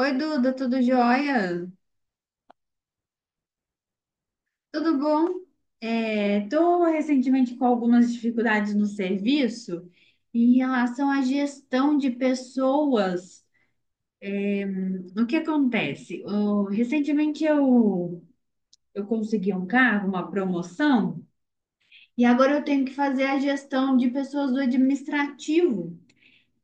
Oi, Duda, tudo jóia? Tudo bom? Estou recentemente com algumas dificuldades no serviço em relação à gestão de pessoas. O que acontece? Recentemente eu consegui um cargo, uma promoção, e agora eu tenho que fazer a gestão de pessoas do administrativo.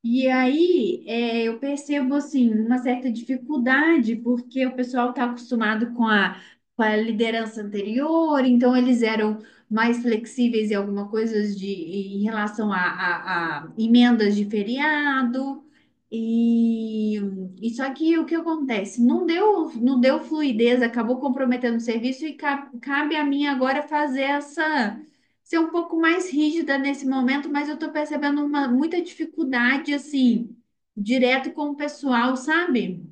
E aí, eu percebo, assim, uma certa dificuldade, porque o pessoal está acostumado com a liderança anterior, então eles eram mais flexíveis em alguma coisa em relação a emendas de feriado. E, e só que o que acontece? Não deu fluidez, acabou comprometendo o serviço e cabe a mim agora fazer essa ser um pouco mais rígida nesse momento, mas eu tô percebendo uma muita dificuldade assim, direto com o pessoal, sabe?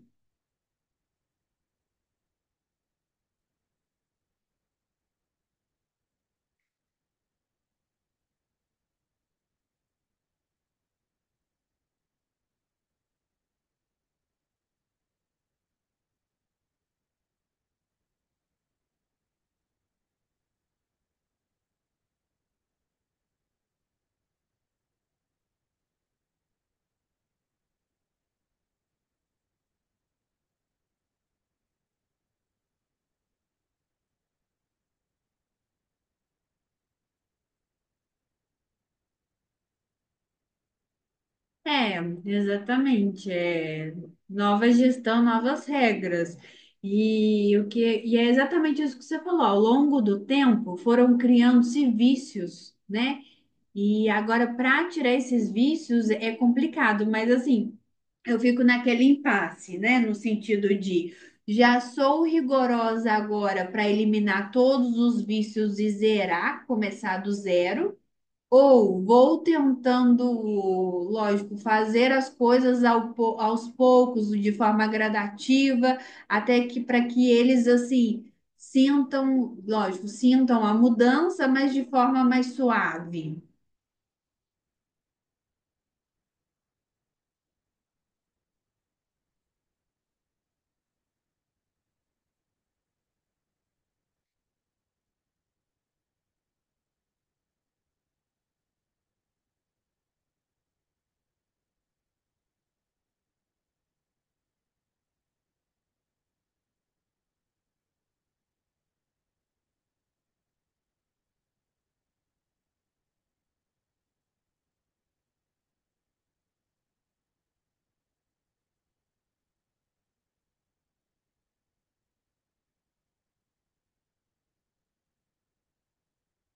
É, exatamente. É nova gestão, novas regras. E é exatamente isso que você falou. Ao longo do tempo, foram criando-se vícios, né? E agora, para tirar esses vícios é complicado, mas assim. Eu fico naquele impasse, né? No sentido de já sou rigorosa agora para eliminar todos os vícios e zerar, começar do zero, ou vou tentando, lógico, fazer as coisas aos poucos, de forma gradativa, até que para que eles assim sintam, lógico, sintam a mudança, mas de forma mais suave.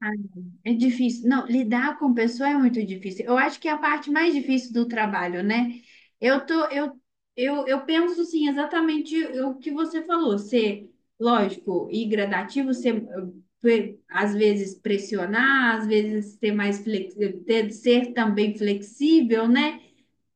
Ah, é difícil. Não, lidar com pessoa é muito difícil. Eu acho que é a parte mais difícil do trabalho, né? Eu tô, Eu penso assim, exatamente o que você falou, ser, lógico, e gradativo, ser às vezes pressionar, às vezes ter mais flexível, ser também flexível, né?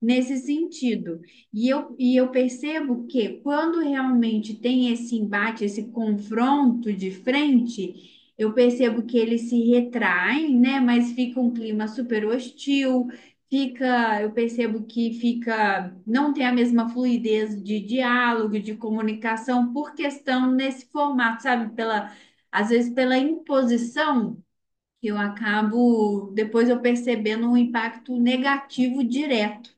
Nesse sentido. E eu percebo que quando realmente tem esse embate, esse confronto de frente, eu percebo que eles se retraem, né? Mas fica um clima super hostil, eu percebo que fica, não tem a mesma fluidez de diálogo, de comunicação por questão nesse formato, sabe? Às vezes pela imposição. Eu acabo, depois eu percebendo um impacto negativo direto.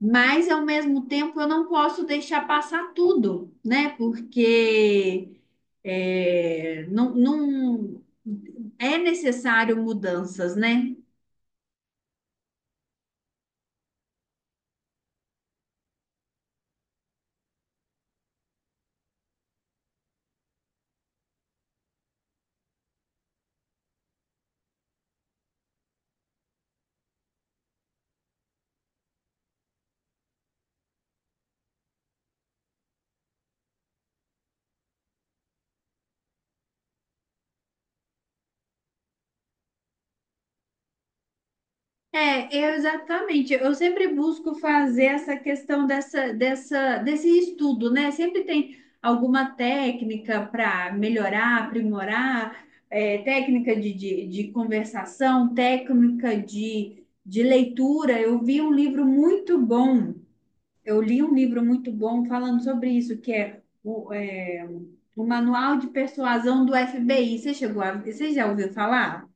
Mas, ao mesmo tempo, eu não posso deixar passar tudo, né? Porque é, não, não- é necessário mudanças, né? Exatamente. Eu sempre busco fazer essa questão desse estudo, né? Sempre tem alguma técnica para melhorar, aprimorar, é, técnica de conversação, técnica de leitura. Eu vi um livro muito bom. Eu li um livro muito bom falando sobre isso, que é o Manual de Persuasão do FBI. Você já ouviu falar?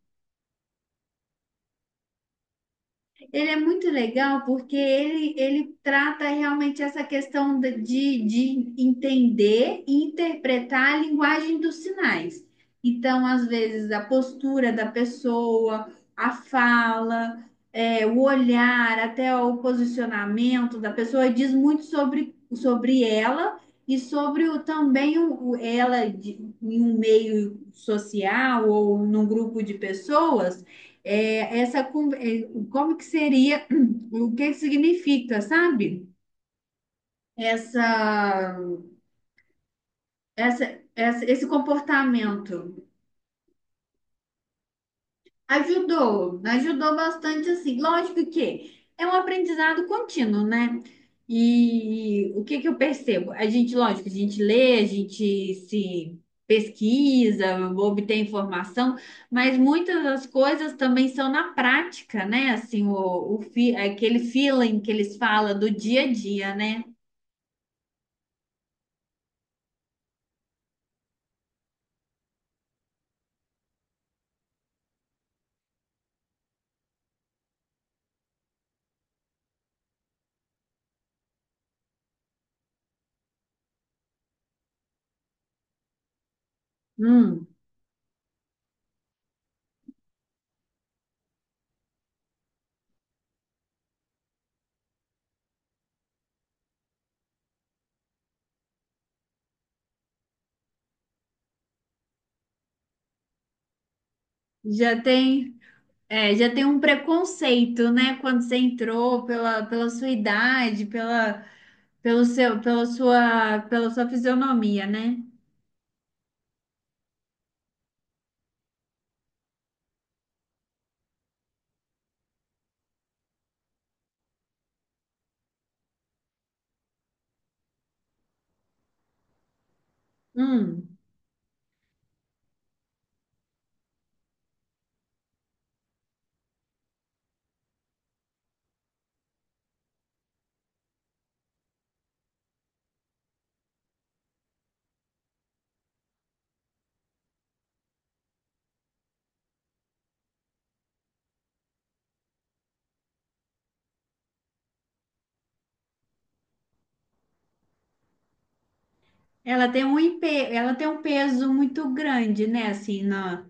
Ele é muito legal porque ele trata realmente essa questão de entender e interpretar a linguagem dos sinais. Então, às vezes, a postura da pessoa, a fala, é, o olhar, até o posicionamento da pessoa diz muito sobre ela e sobre o, também o- ela em um meio social ou num grupo de pessoas é, essa, é, como que seria, o que que significa, sabe? Essa, essa, Esse comportamento. Ajudou, ajudou bastante assim. Lógico que é um aprendizado contínuo, né? E o que que eu percebo? A gente, lógico, a gente lê, a gente se pesquisa, obtém informação, mas muitas das coisas também são na prática, né? Assim, aquele feeling que eles falam do dia a dia, né? Hum, já tem, Já tem um preconceito, né? Quando você entrou pela sua idade, pela pelo pela sua fisionomia, né? Hum. Ela tem um, empe- Ela tem um peso muito grande, né? Assim, na,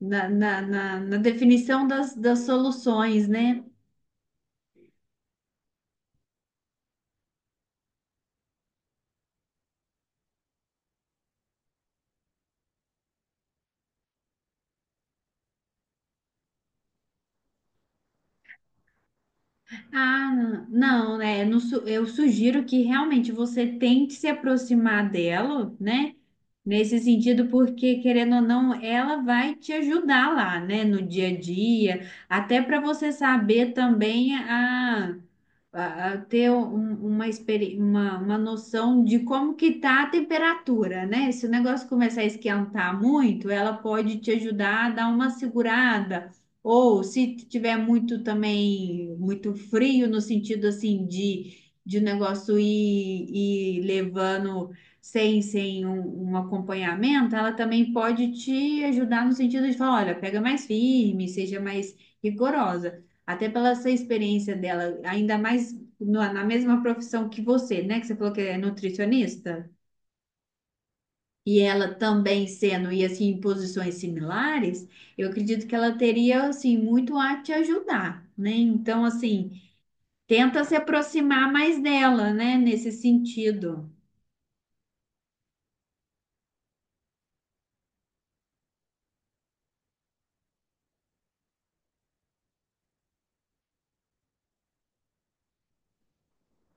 na, na, na- na definição das, das soluções, né? Ah, não, né? no su- Eu sugiro que realmente você tente se aproximar dela, né? Nesse sentido, porque querendo ou não, ela vai te ajudar lá, né? No dia a dia, até para você saber também a ter um- uma, experi- uma noção de como que tá a temperatura, né? Se o negócio começar a esquentar muito, ela pode te ajudar a dar uma segurada. Ou se tiver muito também, muito frio, no sentido assim de, de o negócio ir, ir levando sem um acompanhamento, ela também pode te ajudar no sentido de falar, olha, pega mais firme, seja mais rigorosa. Até pela essa experiência dela, ainda mais na mesma profissão que você, né? Que você falou que é nutricionista. E ela também sendo, e assim, em posições similares, eu acredito que ela teria, assim, muito a te ajudar, né? Então, assim, tenta se aproximar mais dela, né? Nesse sentido.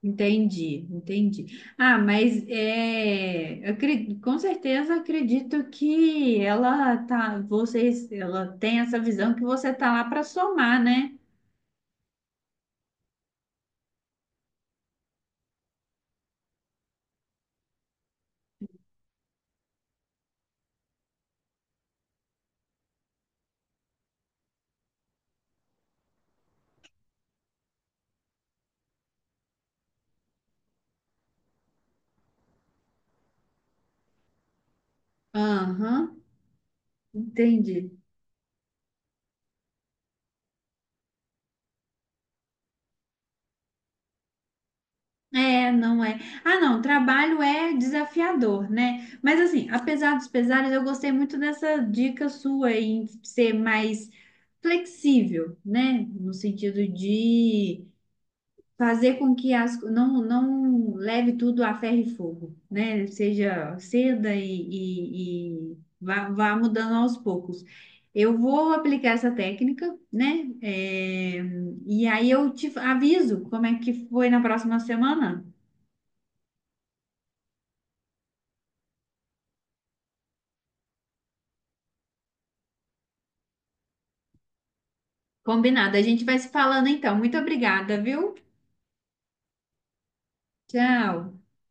Entendi, entendi. Ah, mas é, com certeza acredito que ela tá, vocês, ela tem essa visão que você tá lá para somar, né? Aham, entendi. É, não é. Ah, não, trabalho é desafiador, né? Mas assim, apesar dos pesares, eu gostei muito dessa dica sua em ser mais flexível, né? No sentido de fazer com que as, não, não leve tudo a ferro e fogo, né? Seja ceda e vá, vá mudando aos poucos. Eu vou aplicar essa técnica, né? É, e aí eu te aviso como é que foi na próxima semana. Combinado. A gente vai se falando então. Muito obrigada, viu? Tchau.